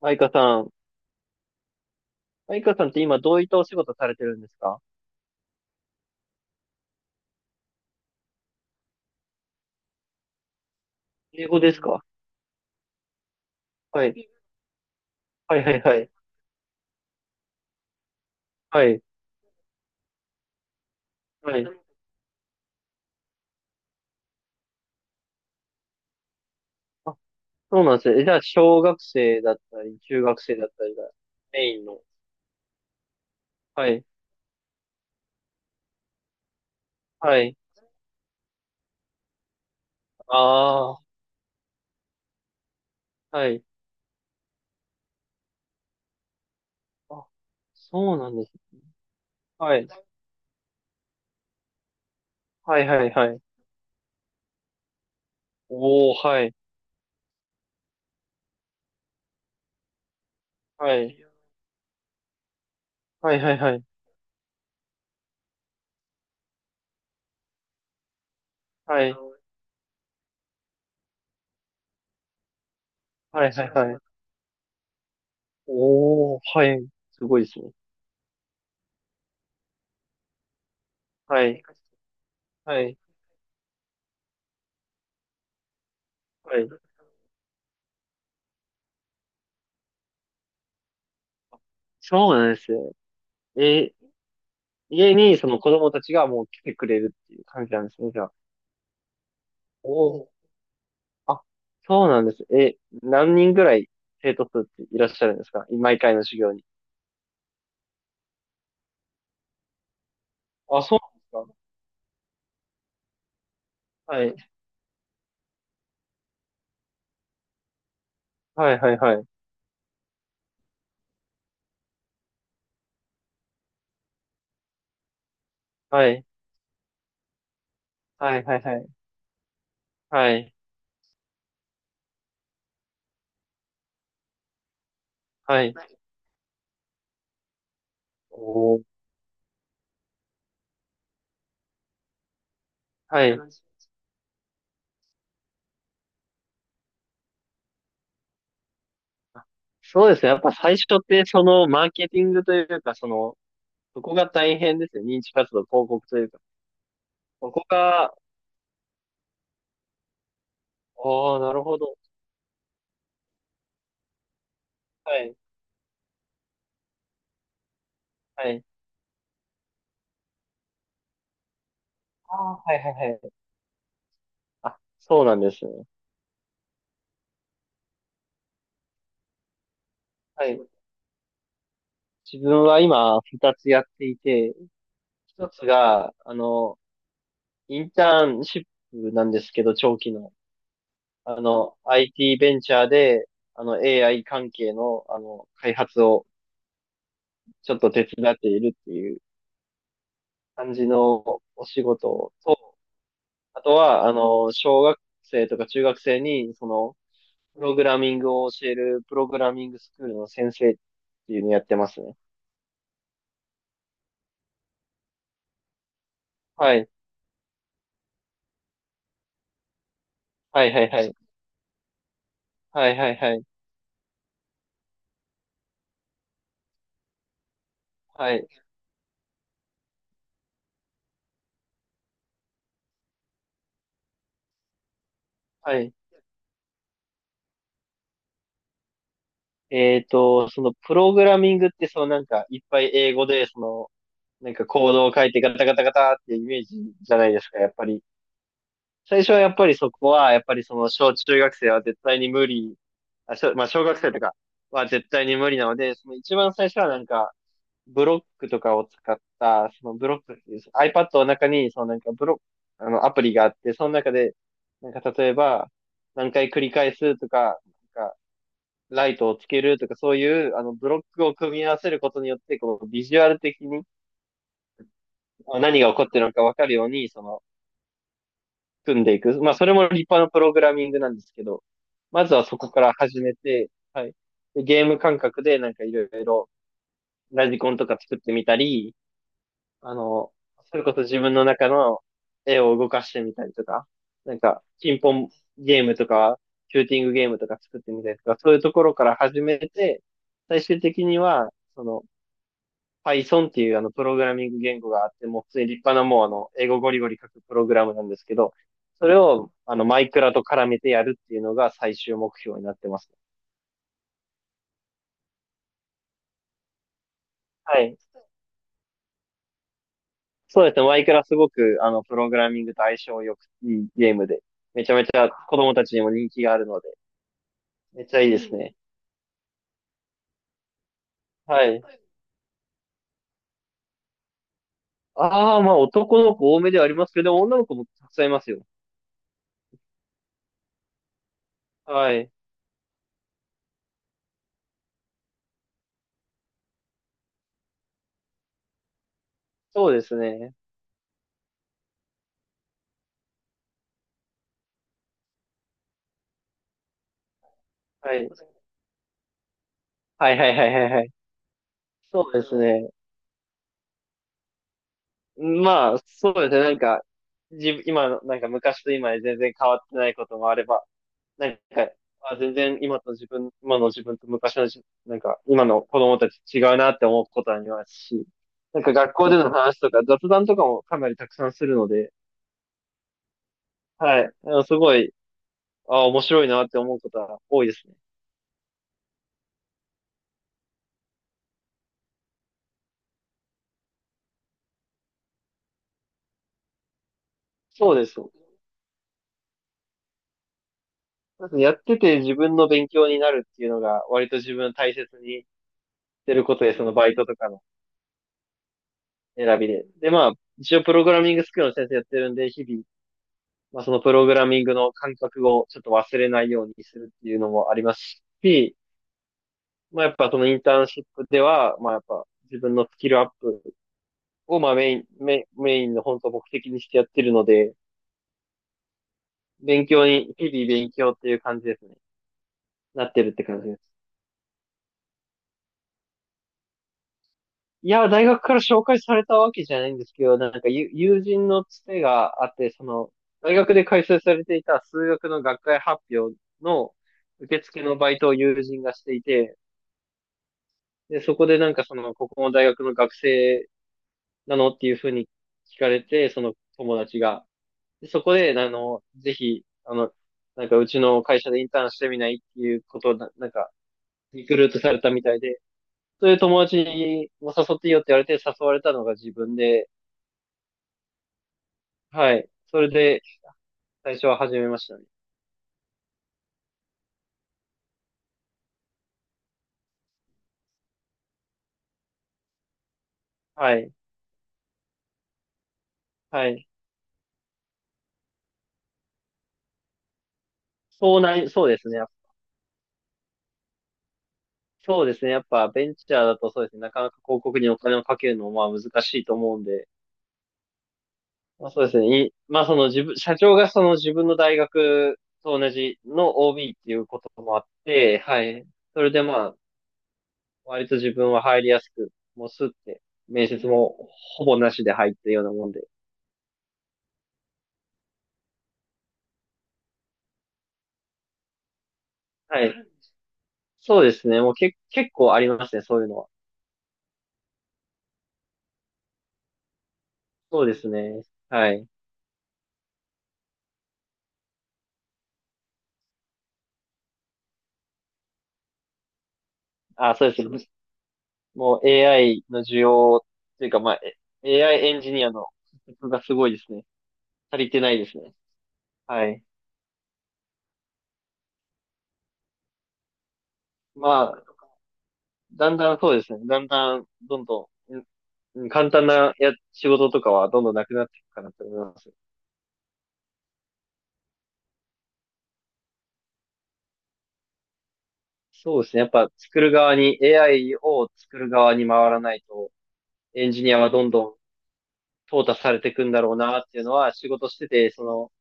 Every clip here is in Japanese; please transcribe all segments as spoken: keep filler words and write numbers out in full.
マイカさん。マイカさんって今どういったお仕事されてるんですか？英語ですか？はい。はいはいはい。はい。はい。あ、そうなんですね。えじゃあ、小学生だったり、中学生だったりがメインの。はい。はい。ああ、はい。あ、そうなんですね。はい。はいはいはい。おー、はい。はい。はいはいはい。はい。はいはいはい。おー、はい。すごいですね。はい。はい。はい。そうなんですよ。え家にその子供たちがもう来てくれるっていう感じなんですね、じゃあ。おお。あ、そうなんです。え、何人ぐらい生徒数っていらっしゃるんですか毎回の授業に？あ、そうなんですか。はい。はいはいはい。はい。はいはいはい。はい。はい。はい。おお。はい。あ、そうですね。やっぱ最初ってそのマーケティングというか、その、そこが大変ですよ。認知活動、広告というか。そこが、おお、なるほど。はい。はい。ああ、はいはいはい。あ、そうなんですね。はい。自分は今、二つやっていて、一つが、あの、インターンシップなんですけど、長期の。あの、アイティー ベンチャーで、あの、エーアイ 関係の、あの、開発をちょっと手伝っているっていう感じのお仕事と、あとは、あの、小学生とか中学生に、その、プログラミングを教える、プログラミングスクールの先生っていうのをやってますね。はい。はいはいはい。はいはいはい。はい。はい。えっと、そのプログラミングってそのなんかいっぱい英語でそのなんかコードを書いてガタガタガタってイメージじゃないですか、やっぱり。最初はやっぱりそこはやっぱりその小中学生は絶対に無理、あ、小まあ小学生とかは絶対に無理なので、その一番最初はなんかブロックとかを使った、そのブロックっていう、アイパッド の中にそのなんかブロック、あのアプリがあって、その中でなんか例えば何回繰り返すとか、なんかライトをつけるとか、そういう、あの、ブロックを組み合わせることによって、こう、ビジュアル的にまあ何が起こってるのかわかるように、その、組んでいく。まあ、それも立派なプログラミングなんですけど、まずはそこから始めて、はい。でゲーム感覚で、なんかいろいろ、ラジコンとか作ってみたり、あの、それこそ自分の中の絵を動かしてみたりとか、なんか、ピンポンゲームとか、シューティングゲームとか作ってみたりとか、そういうところから始めて、最終的には、その、パイソン っていうあのプログラミング言語があって、もう普通に立派なもうあの英語ゴリゴリ書くプログラムなんですけど、それをあのマイクラと絡めてやるっていうのが最終目標になってます。はい。そうですね。マイクラすごくあのプログラミングと相性良くいいゲームで、めちゃめちゃ子供たちにも人気があるので、めっちゃいいですね。はい。ああ、まあ男の子多めではありますけど、女の子もたくさんいますよ。はい。そうですね。はい。はいはいはいはいはい。そうですね。まあ、そうですね。なんか、自分、今の、なんか昔と今で全然変わってないこともあれば、なんか、あ、全然今と自分、今の自分と昔の自分、なんか、今の子供たち違うなって思うことありますし、なんか学校での話とか雑談とかもかなりたくさんするので、はい。あのすごい、あ、面白いなって思うことは多いですね。そうですね。そうです。やってて自分の勉強になるっていうのが割と自分大切にしてることで、そのバイトとかの選びで。で、まあ、一応プログラミングスクールの先生やってるんで、日々、まあ、そのプログラミングの感覚をちょっと忘れないようにするっていうのもありますし、まあ、やっぱそのインターンシップでは、まあ、やっぱ自分のスキルアップを、まあ、メイン、メインメインの本当目的にしてやってるので、勉強に、日々勉強っていう感じですね。なってるって感じです。いや、大学から紹介されたわけじゃないんですけど、なんか友友人のつてがあって、その、大学で開催されていた数学の学会発表の受付のバイトを友人がしていて、で、そこでなんかその、ここの大学の学生なのっていうふうに聞かれて、その友達が。で、そこで、あの、ぜひ、あの、なんかうちの会社でインターンしてみないっていうことをな、なんか、リクルートされたみたいで、そういう友達も誘っていいよって言われて誘われたのが自分で、はい。それで、最初は始めましたね。はい。はい。そうなり、そうですね。そうですね。やっぱ、ベンチャーだとそうですね。なかなか広告にお金をかけるのも、まあ、難しいと思うんで。まあ、そうですね。いまあ、その自分、社長がその自分の大学と同じの オービー っていうこともあって、はい。それでまあ、割と自分は入りやすく、もうすって、面接もほぼなしで入ったようなもんで。はい。そうですね。もうけ、結構ありますね。そういうのは。そうですね。はい。あ、そうですね。もう エーアイ の需要というか、まあ、え エーアイ エンジニアの不足がすごいですね。足りてないですね。はい。まあ、だんだんそうですね。だんだん、どんどん、うん簡単なや、仕事とかはどんどんなくなっていくかなと思います。そうですね。やっぱ作る側に、エーアイ を作る側に回らないと、エンジニアはどんどん淘汰されていくんだろうなっていうのは、仕事してて、その、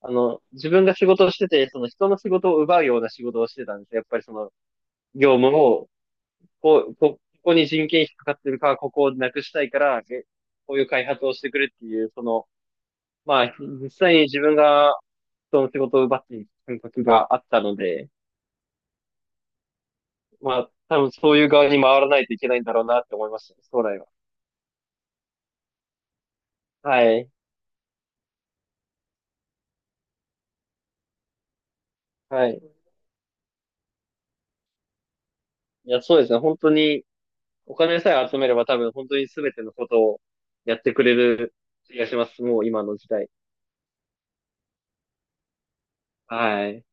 あの、自分が仕事をしてて、その人の仕事を奪うような仕事をしてたんですよ。やっぱりその、業務をこう、ここに人件費かかってるから、ここをなくしたいから、えこういう開発をしてくれっていう、その、まあ、実際に自分が人の仕事を奪っている感覚があったので、まあ、多分そういう側に回らないといけないんだろうなって思いましたね、将来は。はい。はい。いや、そうですね。本当に、お金さえ集めれば多分本当に全てのことをやってくれる気がします。もう今の時代。はい。